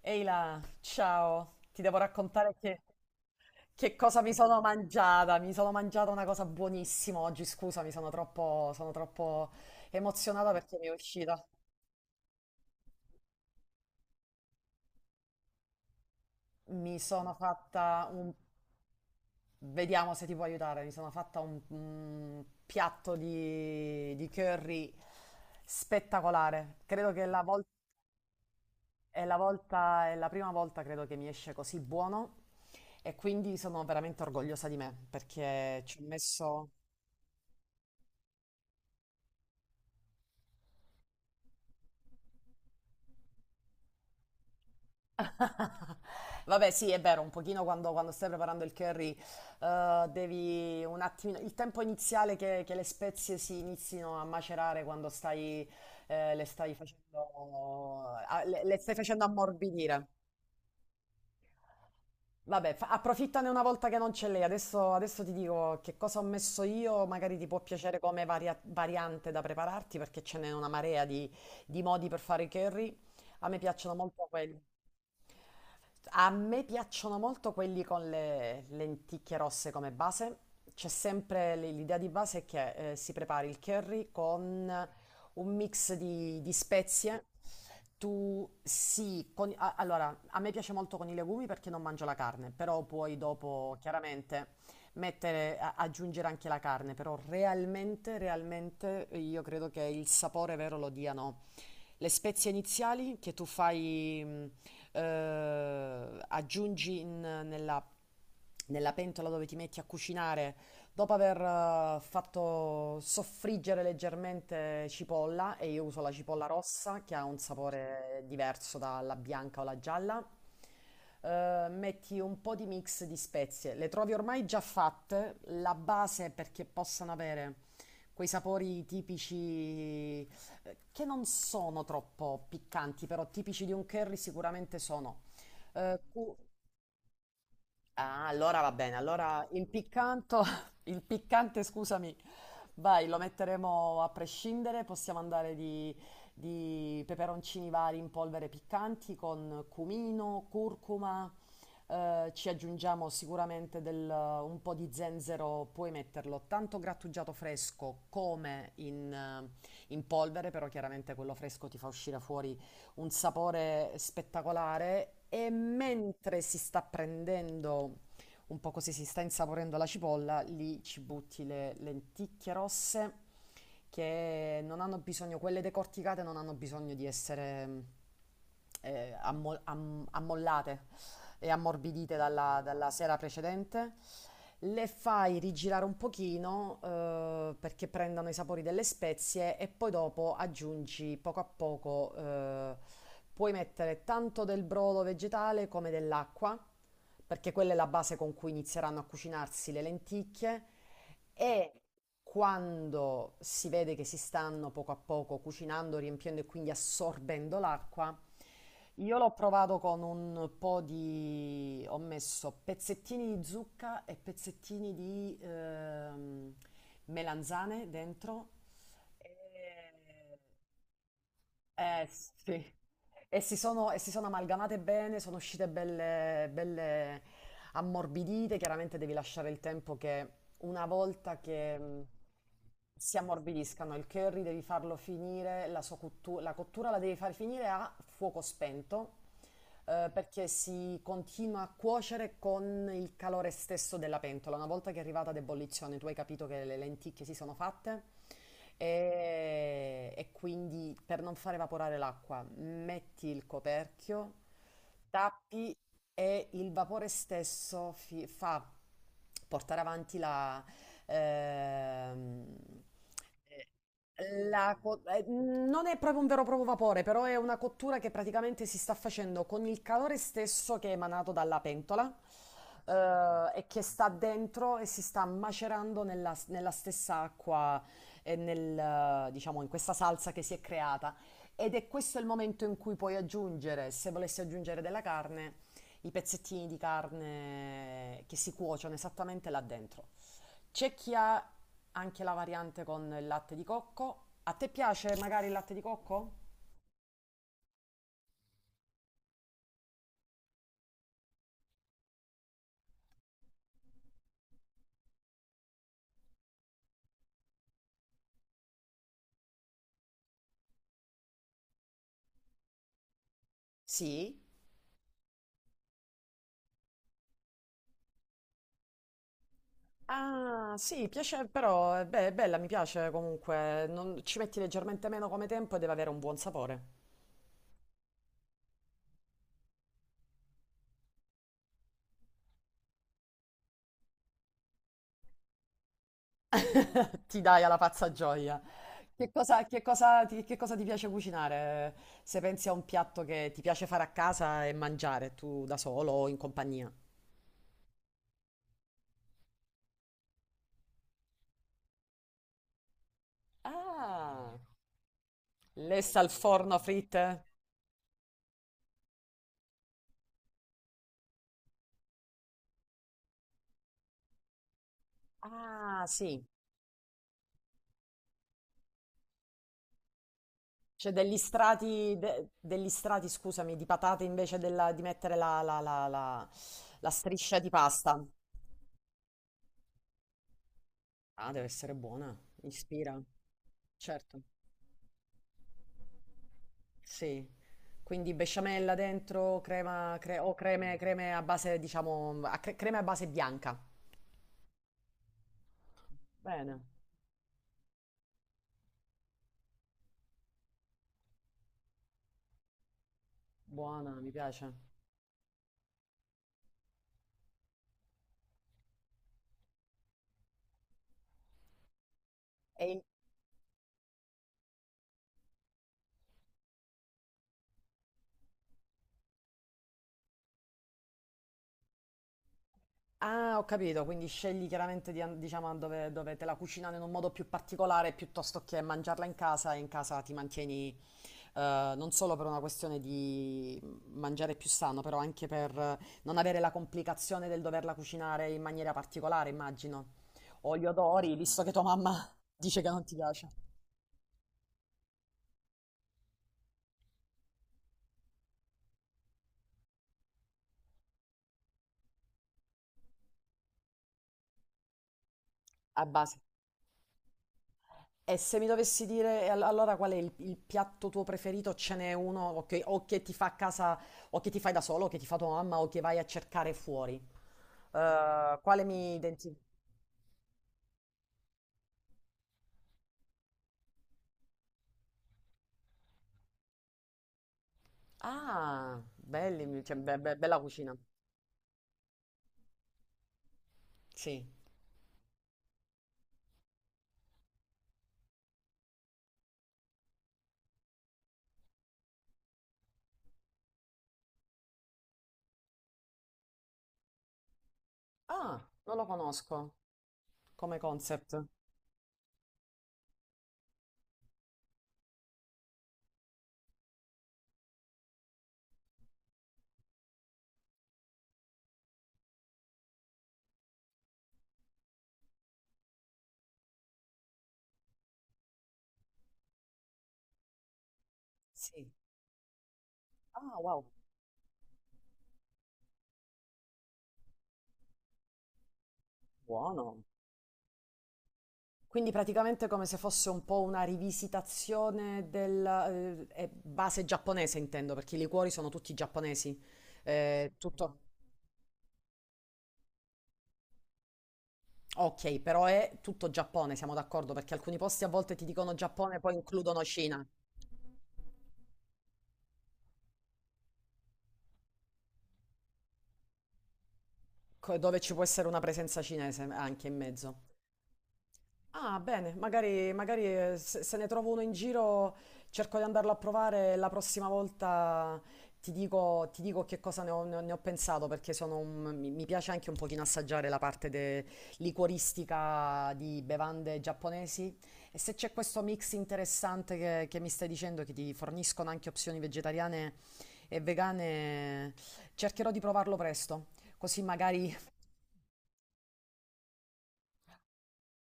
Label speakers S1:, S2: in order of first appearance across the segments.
S1: Ehi là, ciao, ti devo raccontare che cosa mi sono mangiata. Mi sono mangiata una cosa buonissima oggi, scusami, sono troppo emozionata perché mi è uscita. Mi sono fatta un... Vediamo se ti può aiutare, mi sono fatta un piatto di curry spettacolare. Credo che la vol- È la volta, è la prima volta credo che mi esce così buono e quindi sono veramente orgogliosa di me perché ci ho messo... Vabbè, sì, è vero, un pochino quando stai preparando il curry, devi un attimino, il tempo iniziale che le spezie si inizino a macerare quando stai, le stai facendo, le stai facendo ammorbidire. Vabbè, approfittane una volta che non c'è lei. Adesso ti dico che cosa ho messo io, magari ti può piacere come variante da prepararti, perché ce n'è una marea di modi per fare i curry. A me piacciono molto quelli. A me piacciono molto quelli con le lenticchie rosse come base. C'è sempre l'idea di base che si prepari il curry con un mix di spezie. Tu sì, allora a me piace molto con i legumi perché non mangio la carne, però poi dopo chiaramente mettere, aggiungere anche la carne, però realmente io credo che il sapore vero lo diano le spezie iniziali che tu fai, aggiungi nella, nella pentola dove ti metti a cucinare, dopo aver fatto soffriggere leggermente cipolla, e io uso la cipolla rossa che ha un sapore diverso dalla bianca o la gialla. Metti un po' di mix di spezie, le trovi ormai già fatte, la base perché possano avere quei sapori tipici, che non sono troppo piccanti, però tipici di un curry sicuramente sono. Eh, cu- Ah, allora va bene. Allora il piccanto, il piccante, scusami, vai, lo metteremo a prescindere. Possiamo andare di peperoncini vari in polvere piccanti con cumino, curcuma. Ci aggiungiamo sicuramente un po' di zenzero, puoi metterlo tanto grattugiato fresco come in, in polvere, però chiaramente quello fresco ti fa uscire fuori un sapore spettacolare e mentre si sta prendendo un po' così, si sta insaporendo la cipolla, lì ci butti le lenticchie rosse che non hanno bisogno, quelle decorticate non hanno bisogno di essere ammollate e ammorbidite dalla, dalla sera precedente. Le fai rigirare un pochino perché prendano i sapori delle spezie e poi dopo aggiungi poco a poco, puoi mettere tanto del brodo vegetale come dell'acqua, perché quella è la base con cui inizieranno a cucinarsi le lenticchie e quando si vede che si stanno poco a poco cucinando, riempiendo e quindi assorbendo l'acqua, io l'ho provato con un po' di... ho messo pezzettini di zucca e pezzettini di melanzane dentro. E... Eh sì, e si sono amalgamate bene, sono uscite belle, belle ammorbidite, chiaramente devi lasciare il tempo che una volta che si ammorbidiscano, il curry devi farlo finire, la sua la cottura la devi far finire a fuoco spento, perché si continua a cuocere con il calore stesso della pentola. Una volta che è arrivata ad ebollizione, tu hai capito che le lenticchie si sono fatte. E quindi per non far evaporare l'acqua, metti il coperchio, tappi e il vapore stesso fa portare avanti la, ehm, eh, non è proprio un vero e proprio vapore, però è una cottura che praticamente si sta facendo con il calore stesso che è emanato dalla pentola. E che sta dentro e si sta macerando nella, nella stessa acqua e nel, diciamo, in questa salsa che si è creata. Ed è questo il momento in cui puoi aggiungere, se volessi aggiungere della carne, i pezzettini di carne che si cuociono esattamente là dentro. C'è chi ha anche la variante con il latte di cocco. A te piace magari il latte di cocco? Sì? Ah, sì, piace, però beh, è bella, mi piace comunque. Non- ci metti leggermente meno come tempo e deve avere un buon sapore. Ti dai alla pazza gioia. Che cosa ti piace cucinare? Se pensi a un piatto che ti piace fare a casa e mangiare tu da solo o in compagnia? Ah. Lessa al forno fritte? Ah, sì. C'è degli strati, degli strati, scusami, di patate di mettere la striscia di pasta. Ah, deve essere buona. Ispira. Certo. Sì. Quindi besciamella dentro, crema, cre- o creme, creme a base, diciamo, a crema a base bianca. Bene. Buona, mi piace. E, ah, ho capito, quindi scegli chiaramente di, diciamo, dove, dove te la cucinano in un modo più particolare piuttosto che mangiarla in casa e in casa ti mantieni non solo per una questione di mangiare più sano, però anche per non avere la complicazione del doverla cucinare in maniera particolare, immagino. O gli odori, visto che tua mamma dice che non ti piace. A base. E se mi dovessi dire allora qual è il piatto tuo preferito, ce n'è uno o che ti fa a casa, o che ti fai da solo, o che ti fa tua mamma, o che vai a cercare fuori? Quale mi identifica? Ah, belli, cioè, bella cucina. Sì. Ah, non lo conosco come concept. Sì. Ah, wow, buono. Quindi praticamente come se fosse un po' una rivisitazione del base giapponese, intendo, perché i liquori sono tutti giapponesi. Tutto. Ok, però è tutto Giappone, siamo d'accordo, perché alcuni posti a volte ti dicono Giappone, poi includono Cina, dove ci può essere una presenza cinese anche in mezzo. Ah, bene, se ne trovo uno in giro cerco di andarlo a provare e la prossima volta ti dico che cosa ne ho pensato perché sono mi piace anche un pochino assaggiare la parte liquoristica di bevande giapponesi e se c'è questo mix interessante che mi stai dicendo che ti forniscono anche opzioni vegetariane e vegane, cercherò di provarlo presto, così magari.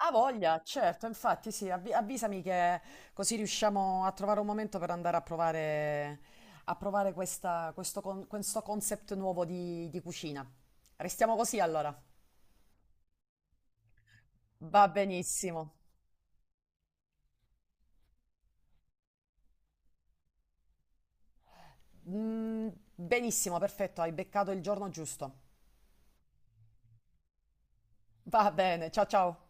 S1: Ha voglia, certo, infatti sì, avvisami che così riusciamo a trovare un momento per andare a provare questo concept nuovo di cucina. Restiamo così allora. Va benissimo. Mm, benissimo, perfetto, hai beccato il giorno giusto. Va bene, ciao ciao.